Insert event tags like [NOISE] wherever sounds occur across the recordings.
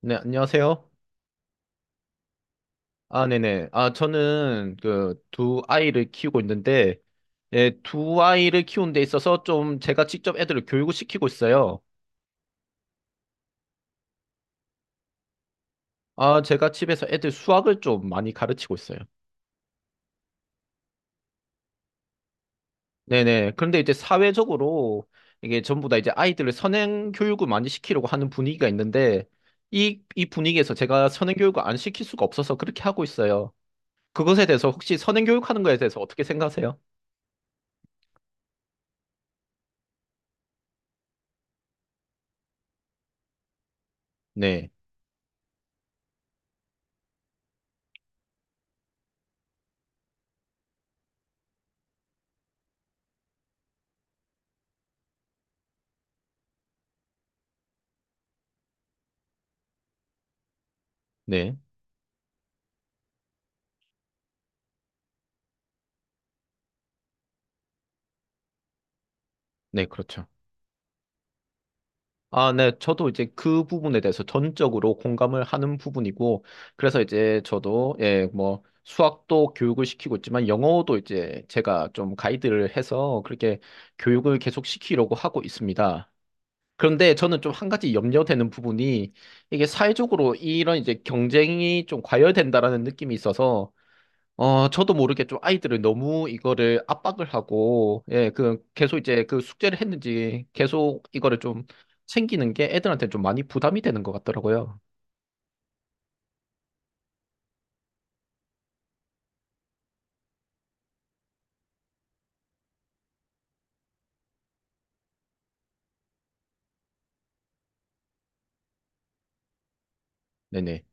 네, 안녕하세요. 아, 네네. 아, 저는 그 두 아이를 키우고 있는데, 예, 두 아이를 키우는 데 있어서 좀 제가 직접 애들을 교육을 시키고 있어요. 아, 제가 집에서 애들 수학을 좀 많이 가르치고 있어요. 네네. 그런데 이제 사회적으로 이게 전부 다 이제 아이들을 선행 교육을 많이 시키려고 하는 분위기가 있는데, 이 분위기에서 제가 선행 교육을 안 시킬 수가 없어서 그렇게 하고 있어요. 그것에 대해서 혹시 선행 교육하는 거에 대해서 어떻게 생각하세요? 네, 네, 네, 그렇죠. 아, 네. 저도 이제 그 부분에 대해서 전적으로 공감을 하는 부분이고, 그래서 이제 저도, 예, 뭐, 수학도 교육을 시키고 있지만, 영어도 이제 제가 좀 가이드를 해서 그렇게 교육을 계속 시키려고 하고 있습니다. 그런데 저는 좀 한 가지 염려되는 부분이, 이게 사회적으로 이런 이제 경쟁이 좀 과열된다라는 느낌이 있어서, 저도 모르게 좀 아이들을 너무 이거를 압박을 하고, 예, 그, 계속 이제 그 숙제를 했는지 계속 이거를 좀 챙기는 게 애들한테 좀 많이 부담이 되는 것 같더라고요. 네네.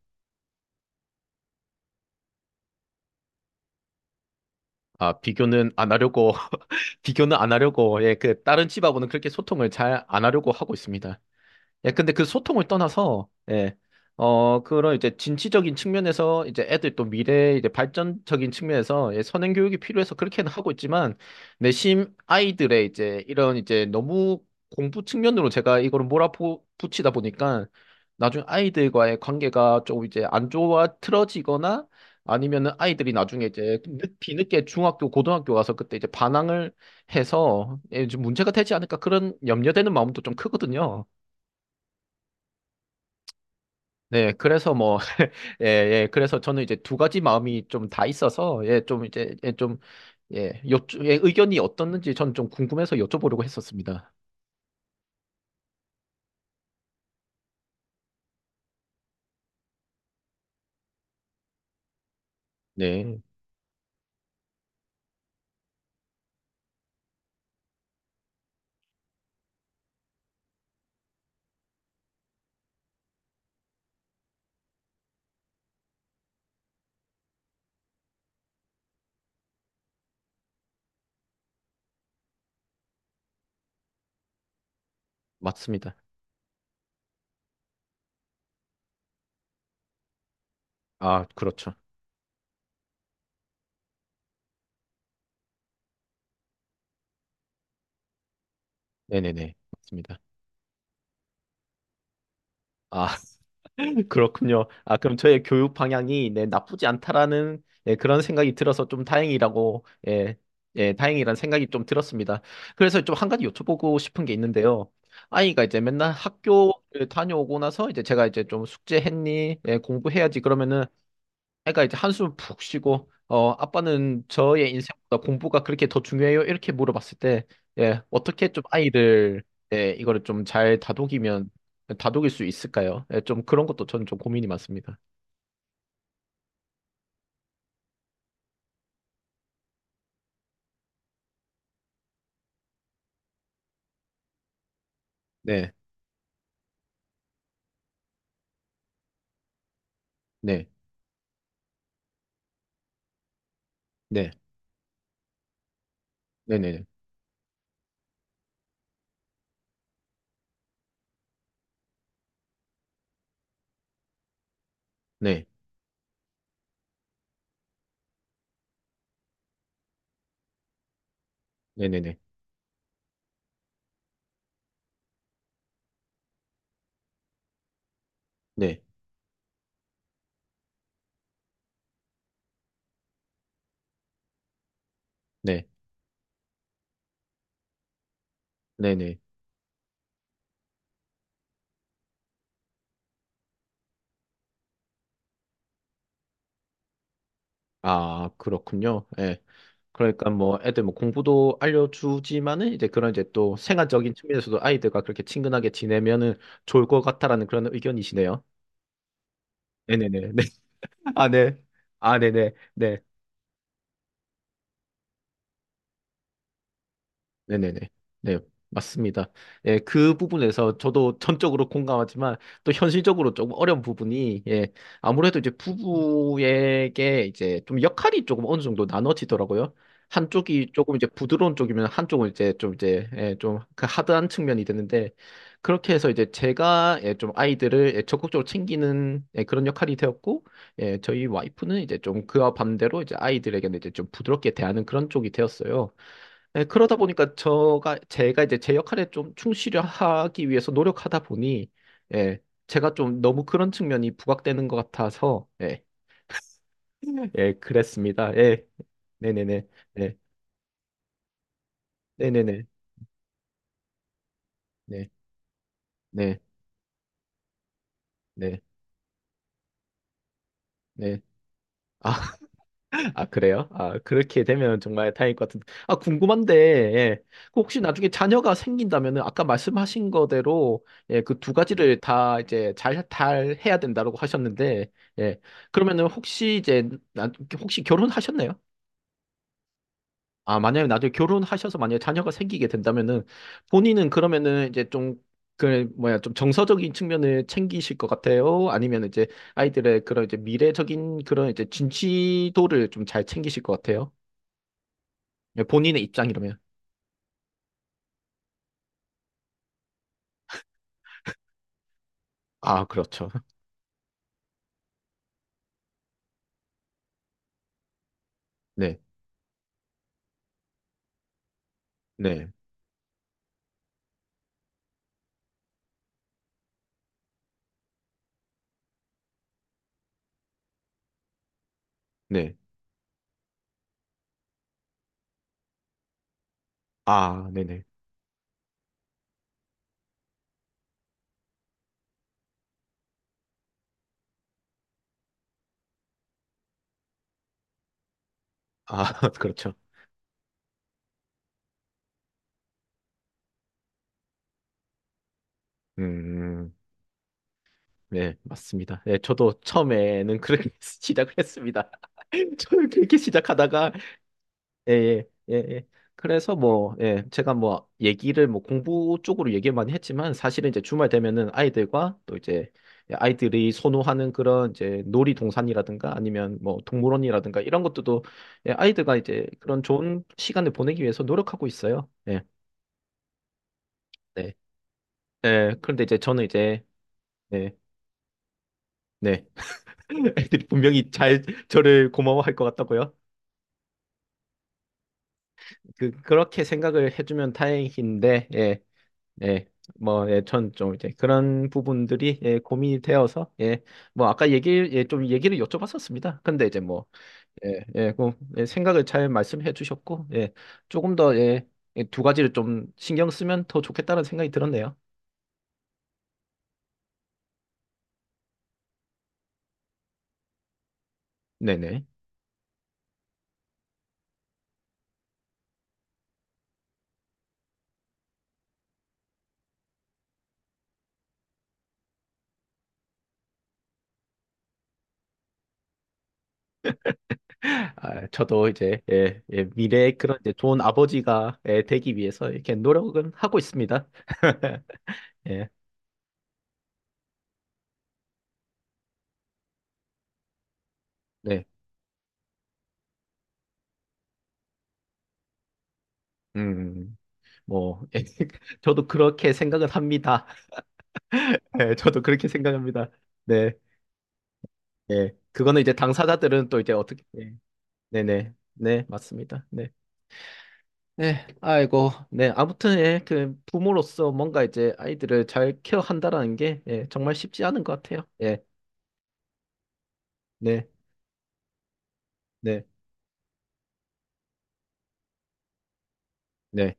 아, 비교는 안 하려고, [LAUGHS] 비교는 안 하려고, 예, 그, 다른 집하고는 그렇게 소통을 잘 안 하려고 하고 있습니다. 예, 근데 그 소통을 떠나서, 예, 그런 이제 진취적인 측면에서 이제 애들 또 미래 이제 발전적인 측면에서 예, 선행 교육이 필요해서 그렇게는 하고 있지만, 내심 아이들의 이제 이런 이제 너무 공부 측면으로 제가 이거를 몰아붙이다 보니까 나중에 아이들과의 관계가 좀 이제 안 좋아 틀어지거나 아니면은 아이들이 나중에 이제 뒤늦게 중학교, 고등학교 가서 그때 이제 반항을 해서 예, 좀 문제가 되지 않을까 그런 염려되는 마음도 좀 크거든요. 네, 그래서 뭐, [LAUGHS] 예, 예, 그래서 저는 이제 두 가지 마음이 좀 다 있어서, 예, 좀 이제, 예, 좀, 예, 요, 예, 의견이 어떻는지 저는 좀 궁금해서 여쭤보려고 했었습니다. 네, 맞습니다. 아, 그렇죠. 네네네, 맞습니다. 아, [LAUGHS] 그렇군요. 아, 그럼 저의 교육 방향이 네, 나쁘지 않다라는 예, 그런 생각이 들어서 좀 다행이라고 예, 예, 다행이라는 생각이 좀 들었습니다. 그래서 좀 한 가지 여쭤보고 싶은 게 있는데요. 아이가 이제 맨날 학교를 다녀오고 나서 이제 제가 이제 좀 숙제했니? 예, 공부해야지. 그러면은 애가 이제 한숨 푹 쉬고 어 아빠는 저의 인생보다 공부가 그렇게 더 중요해요? 이렇게 물어봤을 때 예, 어떻게 좀 아이들 예, 이거를 좀 잘 다독이면 다독일 수 있을까요? 예, 좀 그런 것도 저는 좀 고민이 많습니다. 네, 네, 네, 네, 네, 네, 네, 네, 네, 네, 네, 네, 네. 아, 그렇군요. 예. 그러니까 뭐 애들 뭐 공부도 알려주지만은 이제 그런 이제 또 생활적인 측면에서도 아이들과 그렇게 친근하게 지내면은 좋을 것 같다라는 그런 의견이시네요. 네네네. 아, 네. 아, 네 네. 네. 네. 네. 네네네. 네, 맞습니다. 예, 그 부분에서 저도 전적으로 공감하지만 또 현실적으로 조금 어려운 부분이 예, 아무래도 이제 부부에게 이제 좀 역할이 조금 어느 정도 나눠지더라고요. 한쪽이 조금 이제 부드러운 쪽이면 한쪽은 이제 좀 이제 예, 좀그 하드한 측면이 되는데 그렇게 해서 이제 제가 예, 좀 아이들을 예, 적극적으로 챙기는 예, 그런 역할이 되었고 예, 저희 와이프는 이제 좀 그와 반대로 이제 아이들에게는 이제 좀 부드럽게 대하는 그런 쪽이 되었어요. 네, 그러다 보니까 저가 제가 이제 제 역할에 좀 충실하기 위해서 노력하다 보니 예, 제가 좀 너무 그런 측면이 부각되는 것 같아서 예, 예, 그랬습니다. 예, 네네네, 네, 네네네, 네, 네, 네, 네. 아, 아, 그래요? 아, 그렇게 되면 정말 다행일 것 같은데. 아, 궁금한데, 예. 그 혹시 나중에 자녀가 생긴다면은 아까 말씀하신 거대로, 예, 그 두 가지를 다 이제 잘, 잘 해야 된다고 하셨는데, 예. 그러면은 혹시 이제, 나, 혹시 결혼하셨나요? 아, 만약에 나중에 결혼하셔서 만약에 자녀가 생기게 된다면은 본인은 그러면은 이제 좀, 그, 뭐야, 좀 정서적인 측면을 챙기실 것 같아요? 아니면 이제 아이들의 그런 이제 미래적인 그런 이제 진취도를 좀 잘 챙기실 것 같아요? 예, 본인의 입장이라면. 아, 그렇죠. [LAUGHS] 네, 네, 네. 아, 네네. 아, [LAUGHS] 그렇죠. 음, 네, 맞습니다. 네, 저도 처음에는 그렇게 [LAUGHS] 시작을 했습니다. [LAUGHS] 저는 그렇게 시작하다가 예, 예, 예, 예. 그래서 뭐, 예, 제가 뭐, 얘기를 뭐, 공부 쪽으로 얘기를 많이 했지만, 사실은 이제 주말 되면은 아이들과 또 이제 아이들이 선호하는 그런 이제 놀이동산이라든가 아니면 뭐, 동물원이라든가 이런 것들도 예, 아이들과 이제 그런 좋은 시간을 보내기 위해서 노력하고 있어요. 예, 네. 예, 그런데 이제 저는 이제, 네, 네. [LAUGHS] 애들이 분명히 잘 저를 고마워할 것 같다고요. 그, 그렇게 생각을 해주면 다행인데, 예. 예, 뭐, 예, 전 좀 이제 그런 부분들이 예, 고민이 되어서 예, 뭐 아까 얘기 예, 좀 얘기를 여쭤봤었습니다. 근데 이제 뭐 예, 예, 그, 예, 생각을 잘 말씀해 주셨고 예, 조금 더 예, 예, 두 가지를 좀 신경 쓰면 더 좋겠다는 생각이 들었네요. 네네. [LAUGHS] 아, 저도 이제 예, 예, 미래의 그런 이제 좋은 아버지가 예, 되기 위해서 이렇게 노력은 하고 있습니다. [LAUGHS] 예, 네, 음, 뭐 [LAUGHS] 예, 저도 그렇게 생각을 합니다. [LAUGHS] 네, 저도 그렇게 생각합니다. 네, 예. 그거는 이제 당사자들은 또 이제 어떻게, 예. 네네, 네, 맞습니다. 네. 네, 아이고, 네, 아무튼, 예, 그, 부모로서 뭔가 이제 아이들을 잘 케어한다라는 게, 예, 정말 쉽지 않은 것 같아요. 예, 네, 네, 네,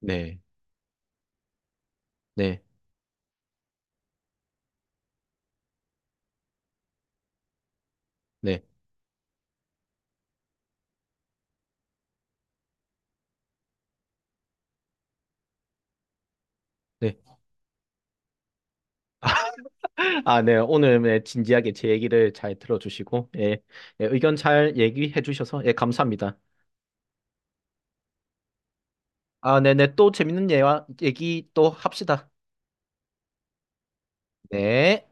네, 네, 네, 네. [LAUGHS] 아, 네, 오늘 네, 진지하게 제 얘기를 잘 들어주시고, 예, 예, 의견 잘 얘기해 주셔서, 예, 감사합니다. 아, 네네, 또 재밌는 예와 얘기 또 합시다. 네.